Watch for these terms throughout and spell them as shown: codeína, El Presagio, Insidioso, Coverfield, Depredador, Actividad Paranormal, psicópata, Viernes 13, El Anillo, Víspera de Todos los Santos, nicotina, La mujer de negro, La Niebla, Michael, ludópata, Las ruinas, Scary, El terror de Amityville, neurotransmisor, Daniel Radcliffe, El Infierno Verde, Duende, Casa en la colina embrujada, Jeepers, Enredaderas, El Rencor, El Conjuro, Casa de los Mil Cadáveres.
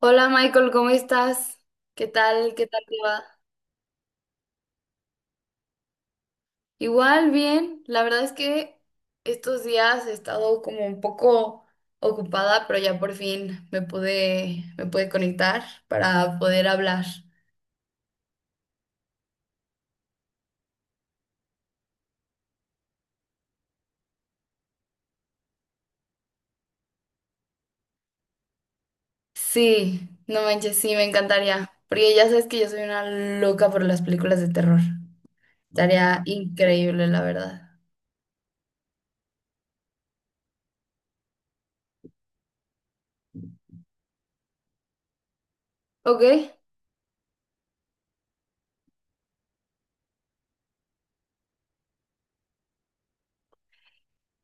Hola Michael, ¿cómo estás? ¿Qué tal? ¿Qué tal te va? Igual, bien. La verdad es que estos días he estado como un poco ocupada, pero ya por fin me pude conectar para poder hablar. Sí, no manches, sí, me encantaría, porque ya sabes que yo soy una loca por las películas de terror. Estaría increíble, la verdad. Ok,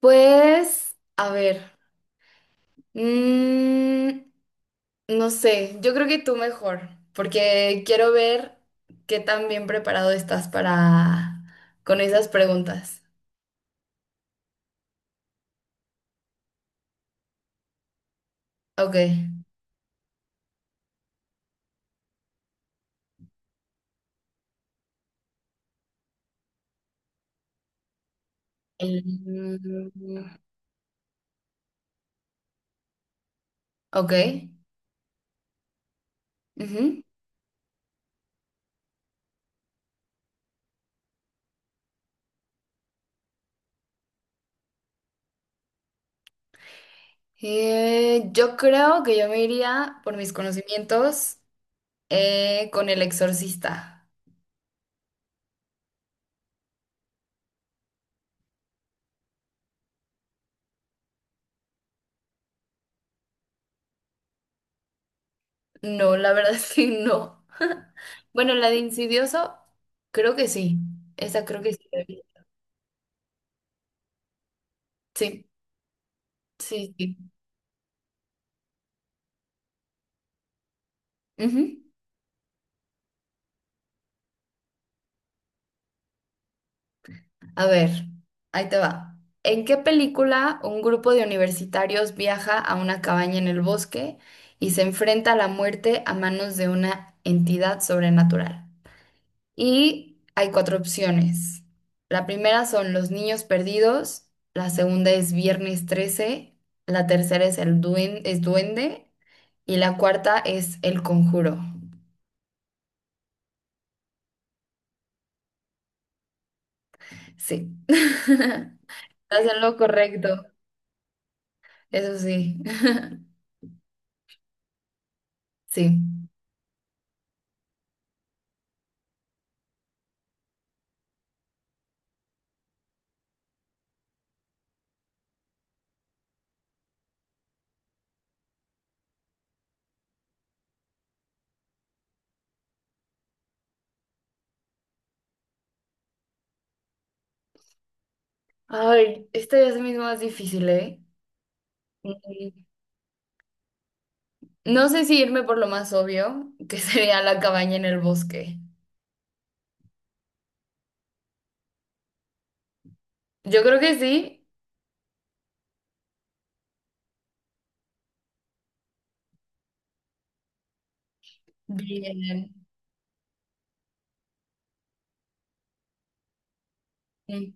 pues, a ver. Mm, No sé, yo creo que tú mejor, porque quiero ver qué tan bien preparado estás para con esas preguntas. Ok. Em, ok. Ujú. Yo creo que yo me iría por mis conocimientos con El Exorcista. No, la verdad es que no. Bueno, la de Insidioso, creo que sí. Esa creo que sí. Sí, sí, sí. Ujú. A ver, ahí te va. ¿En qué película un grupo de universitarios viaja a una cabaña en el bosque y se enfrenta a la muerte a manos de una entidad sobrenatural? Y hay cuatro opciones. La primera son Los Niños Perdidos, la segunda es Viernes 13, la tercera es Duende y la cuarta es El Conjuro. Sí. Estás en lo correcto, eso sí. Sí. Ay, esta es mismo más difícil, ¿eh? Mm, No sé si irme por lo más obvio, que sería la cabaña en el bosque. Yo creo que sí. Bien. Mm,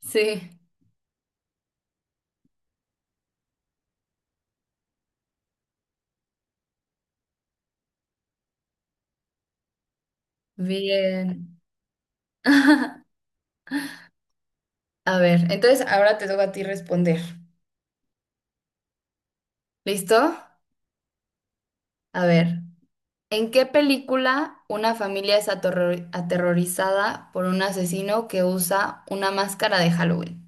Sí, bien. A ver, entonces ahora te toca a ti responder. ¿Listo? A ver, ¿en qué película una familia aterrorizada por un asesino que usa una máscara de Halloween?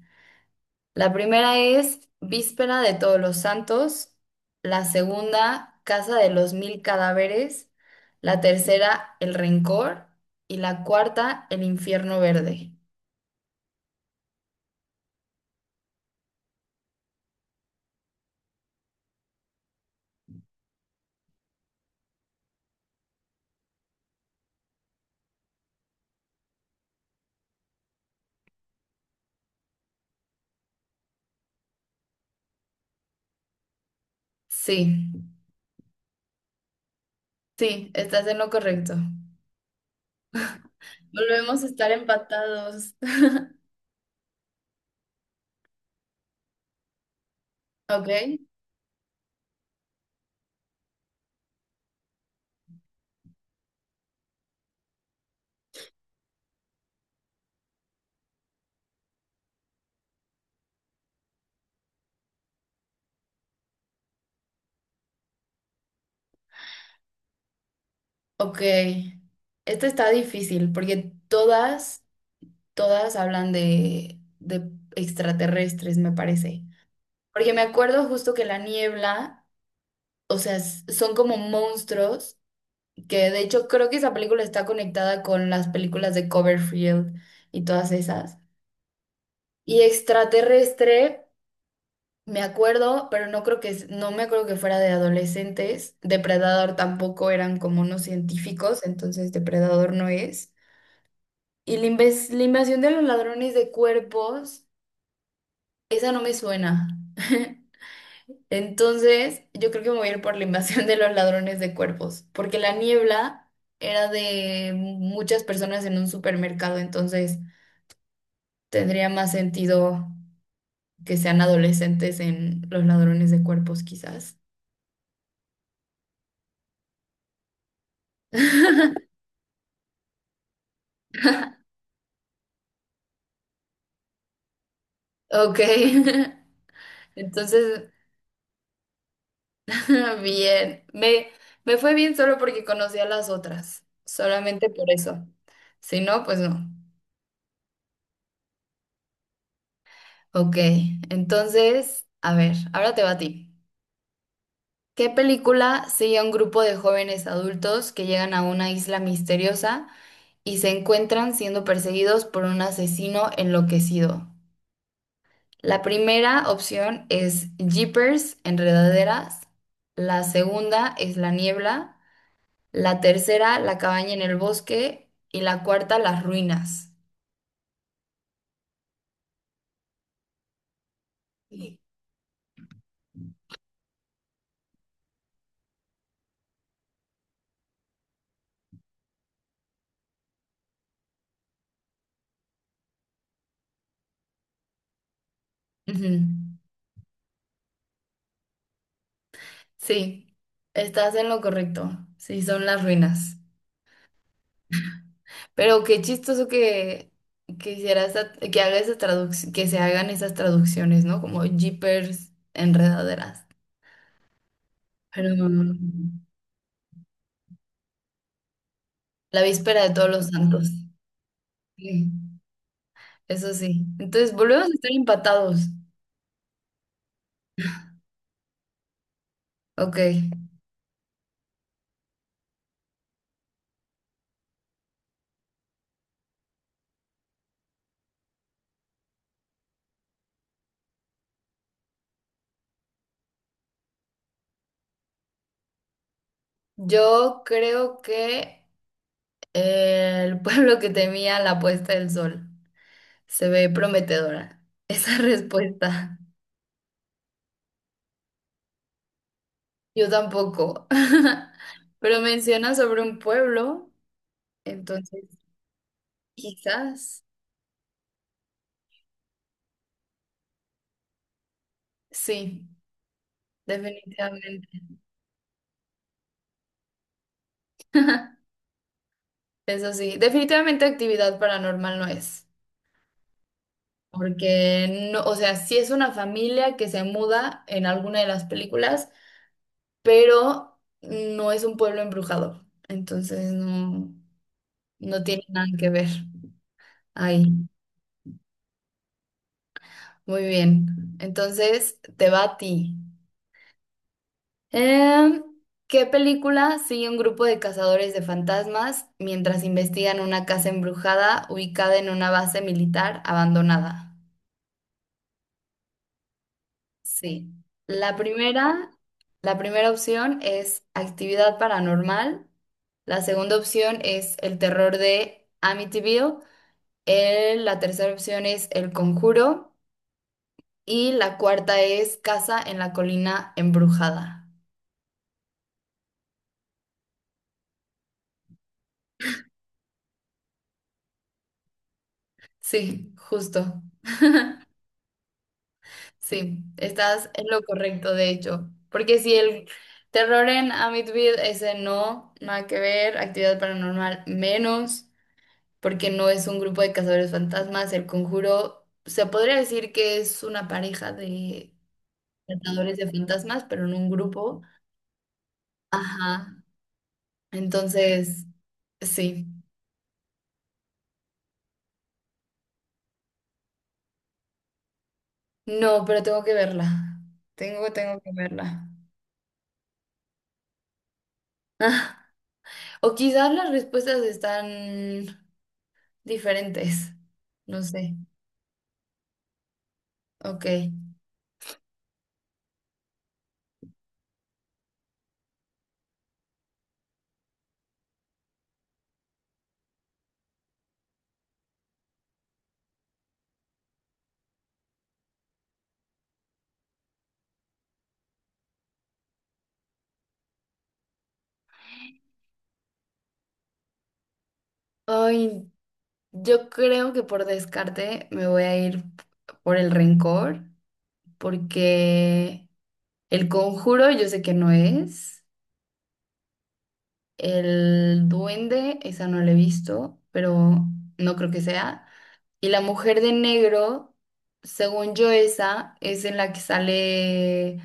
La primera es Víspera de Todos los Santos, la segunda Casa de los Mil Cadáveres, la tercera El Rencor y la cuarta El Infierno Verde. Sí, sí, estás en lo correcto. Volvemos a estar empatados. Ok, ok. Esta está difícil porque todas hablan de extraterrestres, me parece. Porque me acuerdo justo que la niebla, o sea, son como monstruos, que de hecho creo que esa película está conectada con las películas de Coverfield y todas esas. Y extraterrestre, me acuerdo, pero no creo que no me acuerdo que fuera de adolescentes. Depredador tampoco, eran como unos científicos, entonces Depredador no es. Y la invasión de los ladrones de cuerpos, esa no me suena. Entonces, yo creo que me voy a ir por la invasión de los ladrones de cuerpos, porque la niebla era de muchas personas en un supermercado, entonces tendría más sentido que sean adolescentes en los ladrones de cuerpos, quizás. Ok, entonces, bien, me fue bien solo porque conocía las otras, solamente por eso. Si no, pues no. Ok, entonces, a ver, ahora te va a ti. ¿Qué película sigue a un grupo de jóvenes adultos que llegan a una isla misteriosa y se encuentran siendo perseguidos por un asesino enloquecido? La primera opción es Jeepers, Enredaderas. La segunda es La Niebla. La tercera, La Cabaña en el Bosque. Y la cuarta, Las Ruinas. Sí, Ujú. Sí, estás en lo correcto. Sí, son Las Ruinas. Pero qué chistoso que, que haga esa traduc- que se hagan esas traducciones, ¿no? Como jeepers, enredaderas. Pero la víspera de todos los santos. Sí, eso sí. Entonces, volvemos a estar empatados. Ok. Yo creo que el pueblo que temía la puesta del sol se ve prometedora. Esa respuesta. Yo tampoco. Pero menciona sobre un pueblo, entonces. Quizás, sí, definitivamente. Eso sí, definitivamente actividad paranormal no es, porque no, o sea, sí es una familia que se muda en alguna de las películas, pero no es un pueblo embrujado, entonces no, no tiene nada que ver ahí. Muy bien, entonces te va a ti. Em, ¿Qué película sigue un grupo de cazadores de fantasmas mientras investigan una casa embrujada ubicada en una base militar abandonada? Sí. La primera, la primera opción es actividad paranormal. La segunda opción es el terror de Amityville. La tercera opción es el conjuro. Y la cuarta es casa en la colina embrujada. Sí, justo. Sí, estás en lo correcto, de hecho. Porque si el terror en Amityville, ese no, nada que ver, actividad paranormal menos, porque no es un grupo de cazadores fantasmas, el conjuro, se podría decir que es una pareja de cazadores de fantasmas, pero no un grupo. Ajá, entonces, sí. No, pero tengo que verla. Tengo que verla. O quizás las respuestas están diferentes, no sé. Ok. Ay, yo creo que por descarte me voy a ir por el rencor, porque el conjuro yo sé que no es, el duende, esa no la he visto, pero no creo que sea, y la mujer de negro, según yo esa, es en la que sale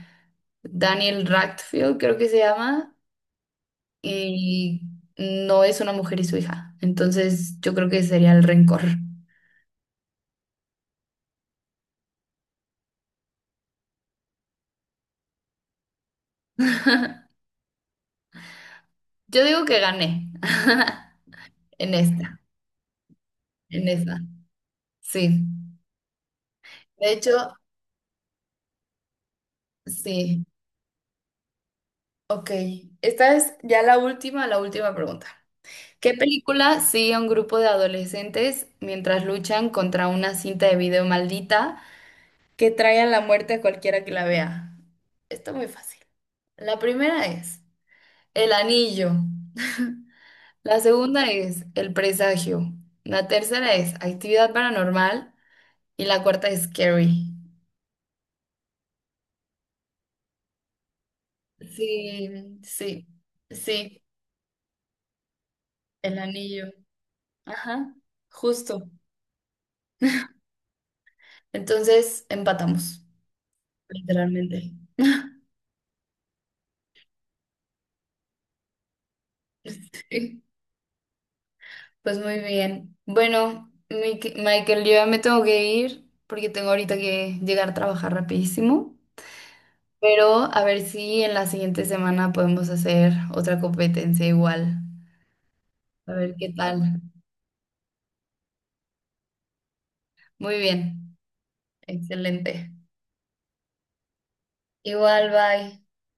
Daniel Radcliffe, creo que se llama, y no es una mujer y su hija, entonces yo creo que sería el rencor. Yo digo que gané en esta, en esta. Sí. De hecho, sí. Ok. Esta es ya la última pregunta. ¿Qué película sigue a un grupo de adolescentes mientras luchan contra una cinta de video maldita que trae a la muerte a cualquiera que la vea? Está muy fácil. La primera es El Anillo. La segunda es El Presagio. La tercera es Actividad Paranormal. Y la cuarta es Scary. Sí, sí, sí, el anillo. Ajá, justo. Entonces empatamos, literalmente. Sí, pues muy bien. Bueno, Michael, yo ya me tengo que ir porque tengo ahorita que llegar a trabajar rapidísimo. Pero a ver si en la siguiente semana podemos hacer otra competencia igual. A ver qué tal. Muy bien, excelente. Igual, bye.